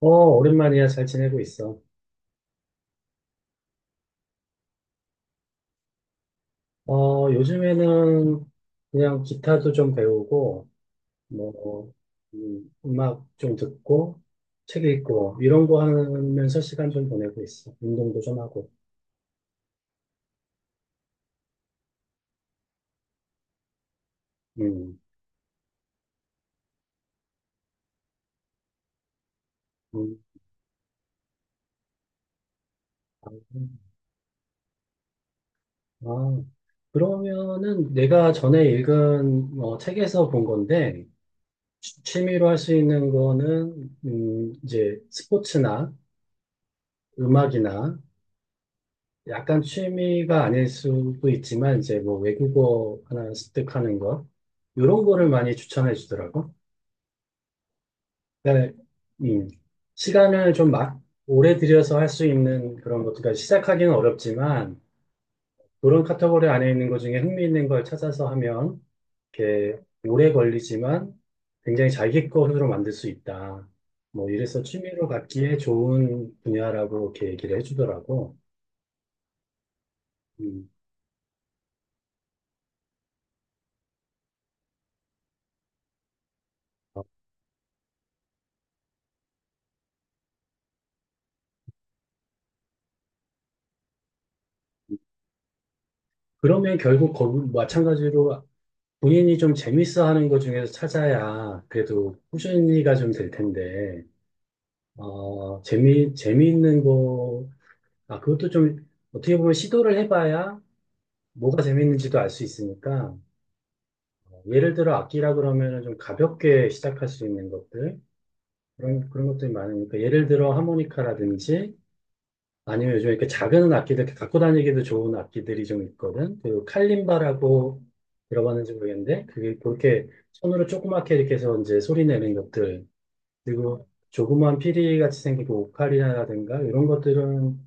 어, 오랜만이야. 잘 지내고 있어. 어, 요즘에는 그냥 기타도 좀 배우고, 뭐, 음악 좀 듣고, 책 읽고, 이런 거 하면서 시간 좀 보내고 있어. 운동도 좀 하고. 음, 음. 아, 그러면은 내가 전에 읽은 책에서 본 건데, 취미로 할 수 있는 거는, 이제 스포츠나 음악이나 약간 취미가 아닐 수도 있지만 이제 뭐 외국어 하나 습득하는 거 이런 거를 많이 추천해 주더라고. 그러니까 음, 시간을 좀 막 오래 들여서 할 수 있는 그런 것들, 그러니까 시작하기는 어렵지만 그런 카테고리 안에 있는 것 중에 흥미 있는 걸 찾아서 하면 이렇게 오래 걸리지만 굉장히 자기 거로 만들 수 있다. 뭐 이래서 취미로 갖기에 좋은 분야라고 이렇게 얘기를 해주더라고. 음. 그러면 결국 거기 마찬가지로 본인이 좀 재밌어 하는 것 중에서 찾아야 그래도 꾸준히가 좀 될 텐데, 어, 재미있는 거, 아, 그것도 좀 어떻게 보면 시도를 해봐야 뭐가 재밌는지도 알 수 있으니까, 어, 예를 들어 악기라 그러면은 좀 가볍게 시작할 수 있는 것들, 그런 것들이 많으니까, 예를 들어 하모니카라든지, 아니면 요즘 이렇게 작은 악기들 이렇게 갖고 다니기도 좋은 악기들이 좀 있거든. 그 칼림바라고 들어봤는지 모르겠는데 그게 그렇게 손으로 조그맣게 이렇게 해서 이제 소리 내는 것들 그리고 조그만 피리 같이 생긴 그 오카리나라든가 이런 것들은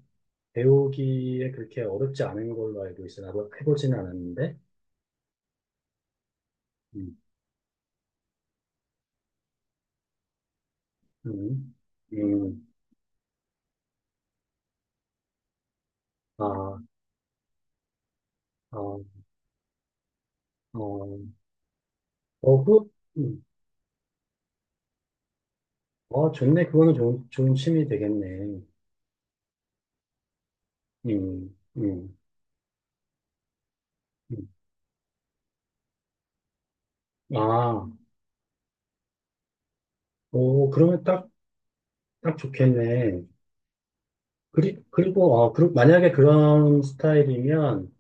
배우기에 그렇게 어렵지 않은 걸로 알고 있어. 나도 해보지는 않았는데. 음, 음, 음, 아, 아, 어, 어, 그, 음, 어, 좋네. 그거는 좋은 취미 되겠네. 음, 음, 음. 아. 오, 그러면 딱, 딱 좋겠네. 그리고, 아, 그, 만약에 그런 스타일이면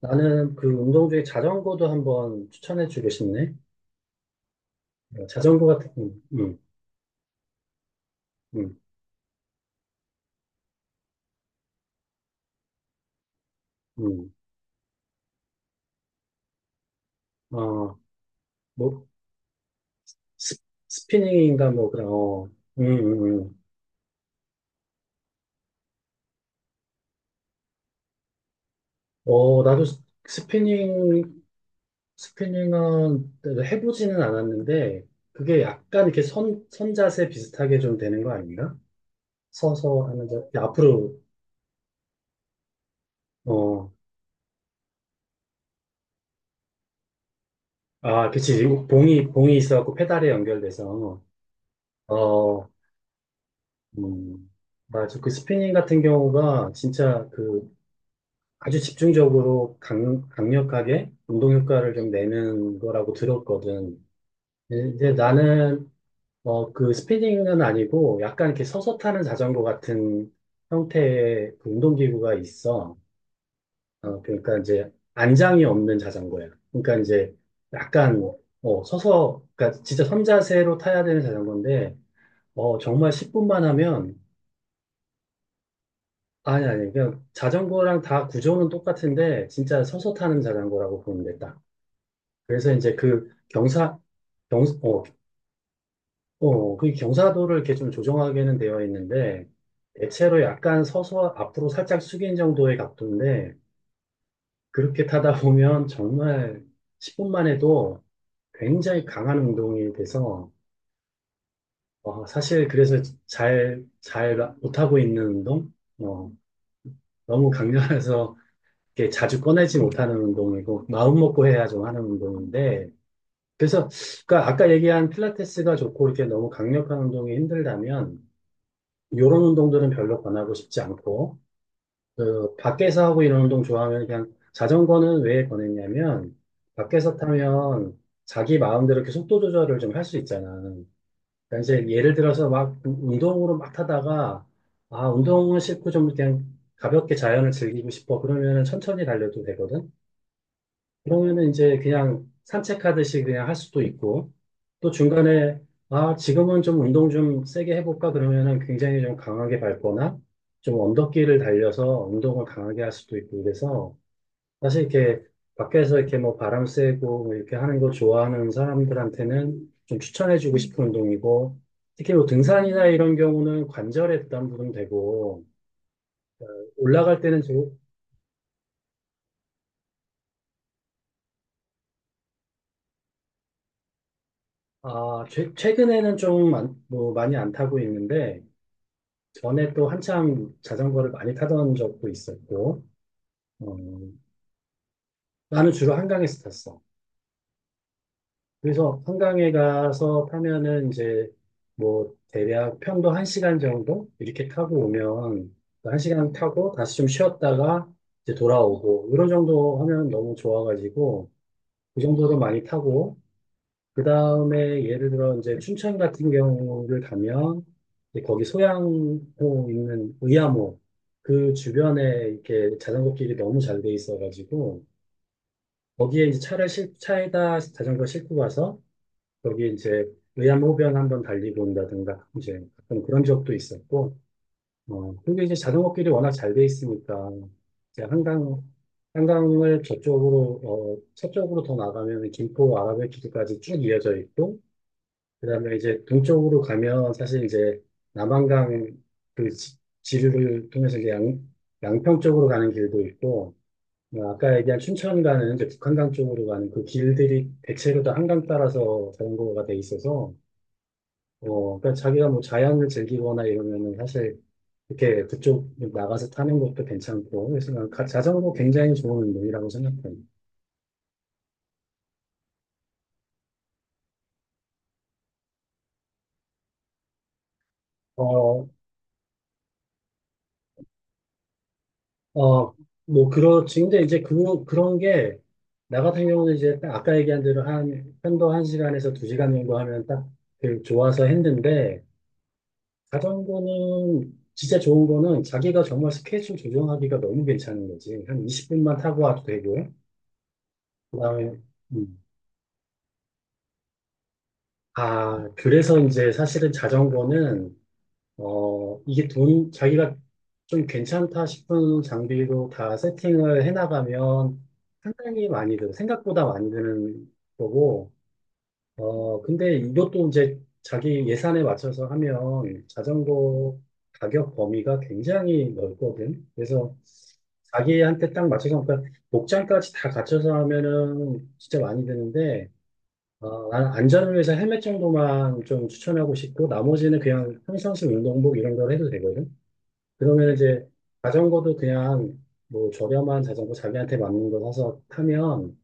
나는 그 운동 중에 자전거도 한번 추천해 주고 싶네. 어, 자전거 같은, 음, 음, 음, 음. 아, 뭐, 스, 스피닝인가 뭐 그런, 어, 음, 음, 음. 어, 나도 스피닝은 해보지는 않았는데 그게 약간 이렇게 선자세 비슷하게 좀 되는 거 아닌가? 서서 하는, 앞으로, 어, 아, 그치. 봉이 있어갖고 페달에 연결돼서, 어, 음, 맞아. 그 스피닝 같은 경우가 진짜 그 아주 집중적으로 강력하게 운동 효과를 좀 내는 거라고 들었거든. 근데 나는, 어, 그 스피닝은 아니고 약간 이렇게 서서 타는 자전거 같은 형태의 그 운동기구가 있어. 어, 그러니까 이제 안장이 없는 자전거야. 그러니까 이제 약간 뭐, 어, 서서 그러니까 진짜 선자세로 타야 되는 자전거인데 어, 정말 10분만 하면 아니 아니 그냥 자전거랑 다 구조는 똑같은데 진짜 서서 타는 자전거라고 보면 됐다. 그래서 이제 그 경사 경 어, 어, 그 경사도를 이렇게 좀 조정하게는 되어 있는데 대체로 약간 서서 앞으로 살짝 숙인 정도의 각도인데 그렇게 타다 보면 정말 10분만 해도 굉장히 강한 운동이 돼서, 어, 사실 그래서 잘 못하고 있는 운동? 어, 너무 강렬해서 이렇게 자주 꺼내지 못하는 운동이고, 마음먹고 해야 좀 하는 운동인데, 그래서, 그러니까 아까 얘기한 필라테스가 좋고, 이렇게 너무 강력한 운동이 힘들다면, 요런 운동들은 별로 권하고 싶지 않고, 그, 밖에서 하고 이런 운동 좋아하면 그냥 자전거는 왜 권했냐면, 밖에서 타면 자기 마음대로 이렇게 속도 조절을 좀 할 수 있잖아. 그러니까 이제 예를 들어서 막 운동으로 막 타다가 아 운동은 싫고 좀 그냥 가볍게 자연을 즐기고 싶어 그러면은 천천히 달려도 되거든. 그러면은 이제 그냥 산책하듯이 그냥 할 수도 있고 또 중간에 아 지금은 좀 운동 좀 세게 해볼까 그러면은 굉장히 좀 강하게 밟거나 좀 언덕길을 달려서 운동을 강하게 할 수도 있고 그래서 사실 이렇게 밖에서 이렇게 뭐 바람 쐬고 뭐 이렇게 하는 거 좋아하는 사람들한테는 좀 추천해주고 싶은 운동이고 특히 뭐 등산이나 이런 경우는 관절에 부담도 되고 올라갈 때는 좀, 아, 최, 최근에는 좀 안- 뭐 많이 안 타고 있는데 전에 또 한참 자전거를 많이 타던 적도 있었고 어, 나는 주로 한강에서 탔어. 그래서 한강에 가서 타면은 이제 뭐 대략 편도 한 시간 정도 이렇게 타고 오면 한 시간 타고 다시 좀 쉬었다가 이제 돌아오고 이런 정도 하면 너무 좋아가지고 그 정도도 많이 타고 그 다음에 예를 들어 이제 춘천 같은 경우를 가면 이제 거기 소양호 있는 의암호 그 주변에 이렇게 자전거 길이 너무 잘 돼 있어가지고 거기에 이제 차에다 자전거 싣고 가서 거기 이제 의암호변 한번 달리고 온다든가 이제 가끔 그런 적도 있었고 어 그리고 이제 자전거길이 워낙 잘 돼 있으니까 이제 한강 한강을 저쪽으로 어 서쪽으로 더 나가면 김포 아라뱃길까지 쭉 이어져 있고 그다음에 이제 동쪽으로 가면 사실 이제 남한강 그 지류를 통해서 이제 양 양평 쪽으로 가는 길도 있고 어, 아까 얘기한 춘천 가는 이제 북한강 쪽으로 가는 그 길들이 대체로 다 한강 따라서 자전거가 돼 있어서 어, 그러니까 자기가 뭐 자연을 즐기거나 이러면은 사실 이렇게 그쪽 나가서 타는 것도 괜찮고, 그래서 난 자전거 굉장히 좋은 운동이라고 생각해요. 어, 어, 뭐 그렇지. 근데 이제 그런 게, 나 같은 경우는 이제 딱 아까 얘기한 대로 한, 편도 한 시간에서 두 시간 정도 하면 딱 그 좋아서 했는데, 자전거는 진짜 좋은 거는 자기가 정말 스케줄 조정하기가 너무 괜찮은 거지. 한 20분만 타고 와도 되고요. 그다음에 음, 아, 그래서 이제 사실은 자전거는, 어, 이게 돈, 자기가 좀 괜찮다 싶은 장비로 다 세팅을 해나가면 상당히 많이 들, 생각보다 많이 드는 거고, 어, 근데 이것도 이제 자기 예산에 맞춰서 하면 자전거 가격 범위가 굉장히 넓거든. 그래서 자기한테 딱 맞춰서, 그러니까 목장까지 다 갖춰서 하면은 진짜 많이 드는데, 어, 나는 안전을 위해서 헬멧 정도만 좀 추천하고 싶고, 나머지는 그냥 평상시 운동복 이런 걸 해도 되거든. 그러면 이제 자전거도 그냥 뭐 저렴한 자전거 자기한테 맞는 거 사서 타면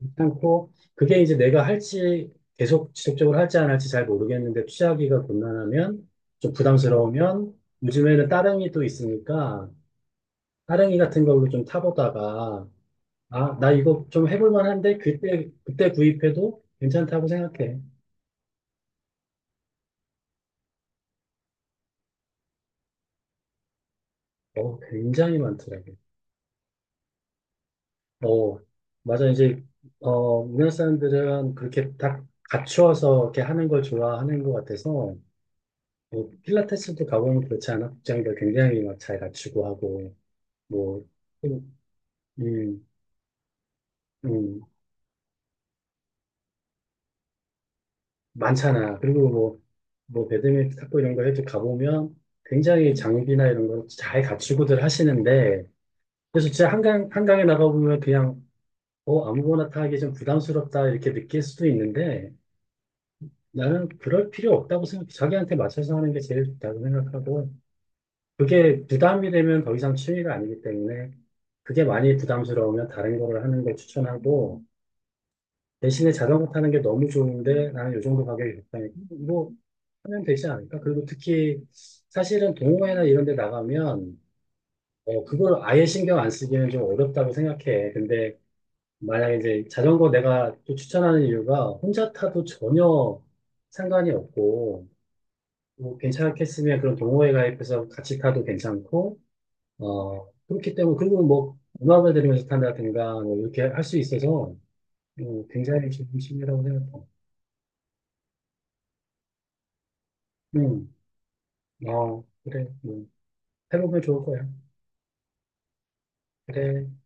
괜찮고, 그게 이제 내가 할지 계속 지속적으로 할지 안 할지 잘 모르겠는데 취하기가 곤란하면 좀 부담스러우면 요즘에는 따릉이 또 있으니까 따릉이 같은 걸로 좀 타보다가 아, 나 이거 좀 해볼 만한데 그때, 그때 구입해도 괜찮다고 생각해. 어, 굉장히 많더라고요. 어, 맞아. 어, 우리나라 사람들은 그렇게 딱 갖추어서 이렇게 하는 걸 좋아하는 것 같아서, 뭐, 필라테스도 가보면 그렇지 않아? 복장도 굉장히 막 잘 갖추고 하고, 뭐, 음, 음, 많잖아. 그리고 뭐, 배드민턴, 탁구 이런 거 해도 가보면 굉장히 장비나 이런 걸 잘 갖추고들 하시는데, 그래서 진짜 한강, 한강에 나가보면 그냥, 어, 아무거나 타기 좀 부담스럽다 이렇게 느낄 수도 있는데, 나는 그럴 필요 없다고 생각해. 자기한테 맞춰서 하는 게 제일 좋다고 생각하고, 그게 부담이 되면 더 이상 취미가 아니기 때문에, 그게 많이 부담스러우면 다른 거를 하는 걸 추천하고, 대신에 자전거 타는 게 너무 좋은데, 나는 요 정도 가격이 좋다니까, 뭐, 하면 되지 않을까? 그리고 특히, 사실은 동호회나 이런 데 나가면, 어, 그걸 아예 신경 안 쓰기는 좀 어렵다고 생각해. 근데, 만약에 이제 자전거 내가 또 추천하는 이유가, 혼자 타도 전혀 상관이 없고, 뭐 괜찮겠으면 그런 동호회 가입해서 같이 타도 괜찮고, 어, 그렇기 때문에, 그리고 뭐, 음악을 들으면서 탄다든가, 뭐, 이렇게 할 수 있어서, 굉장히 좋은 취미라고 생각해요. 음, 어, 그래, 뭐, 해보면 좋을 거야. 그래.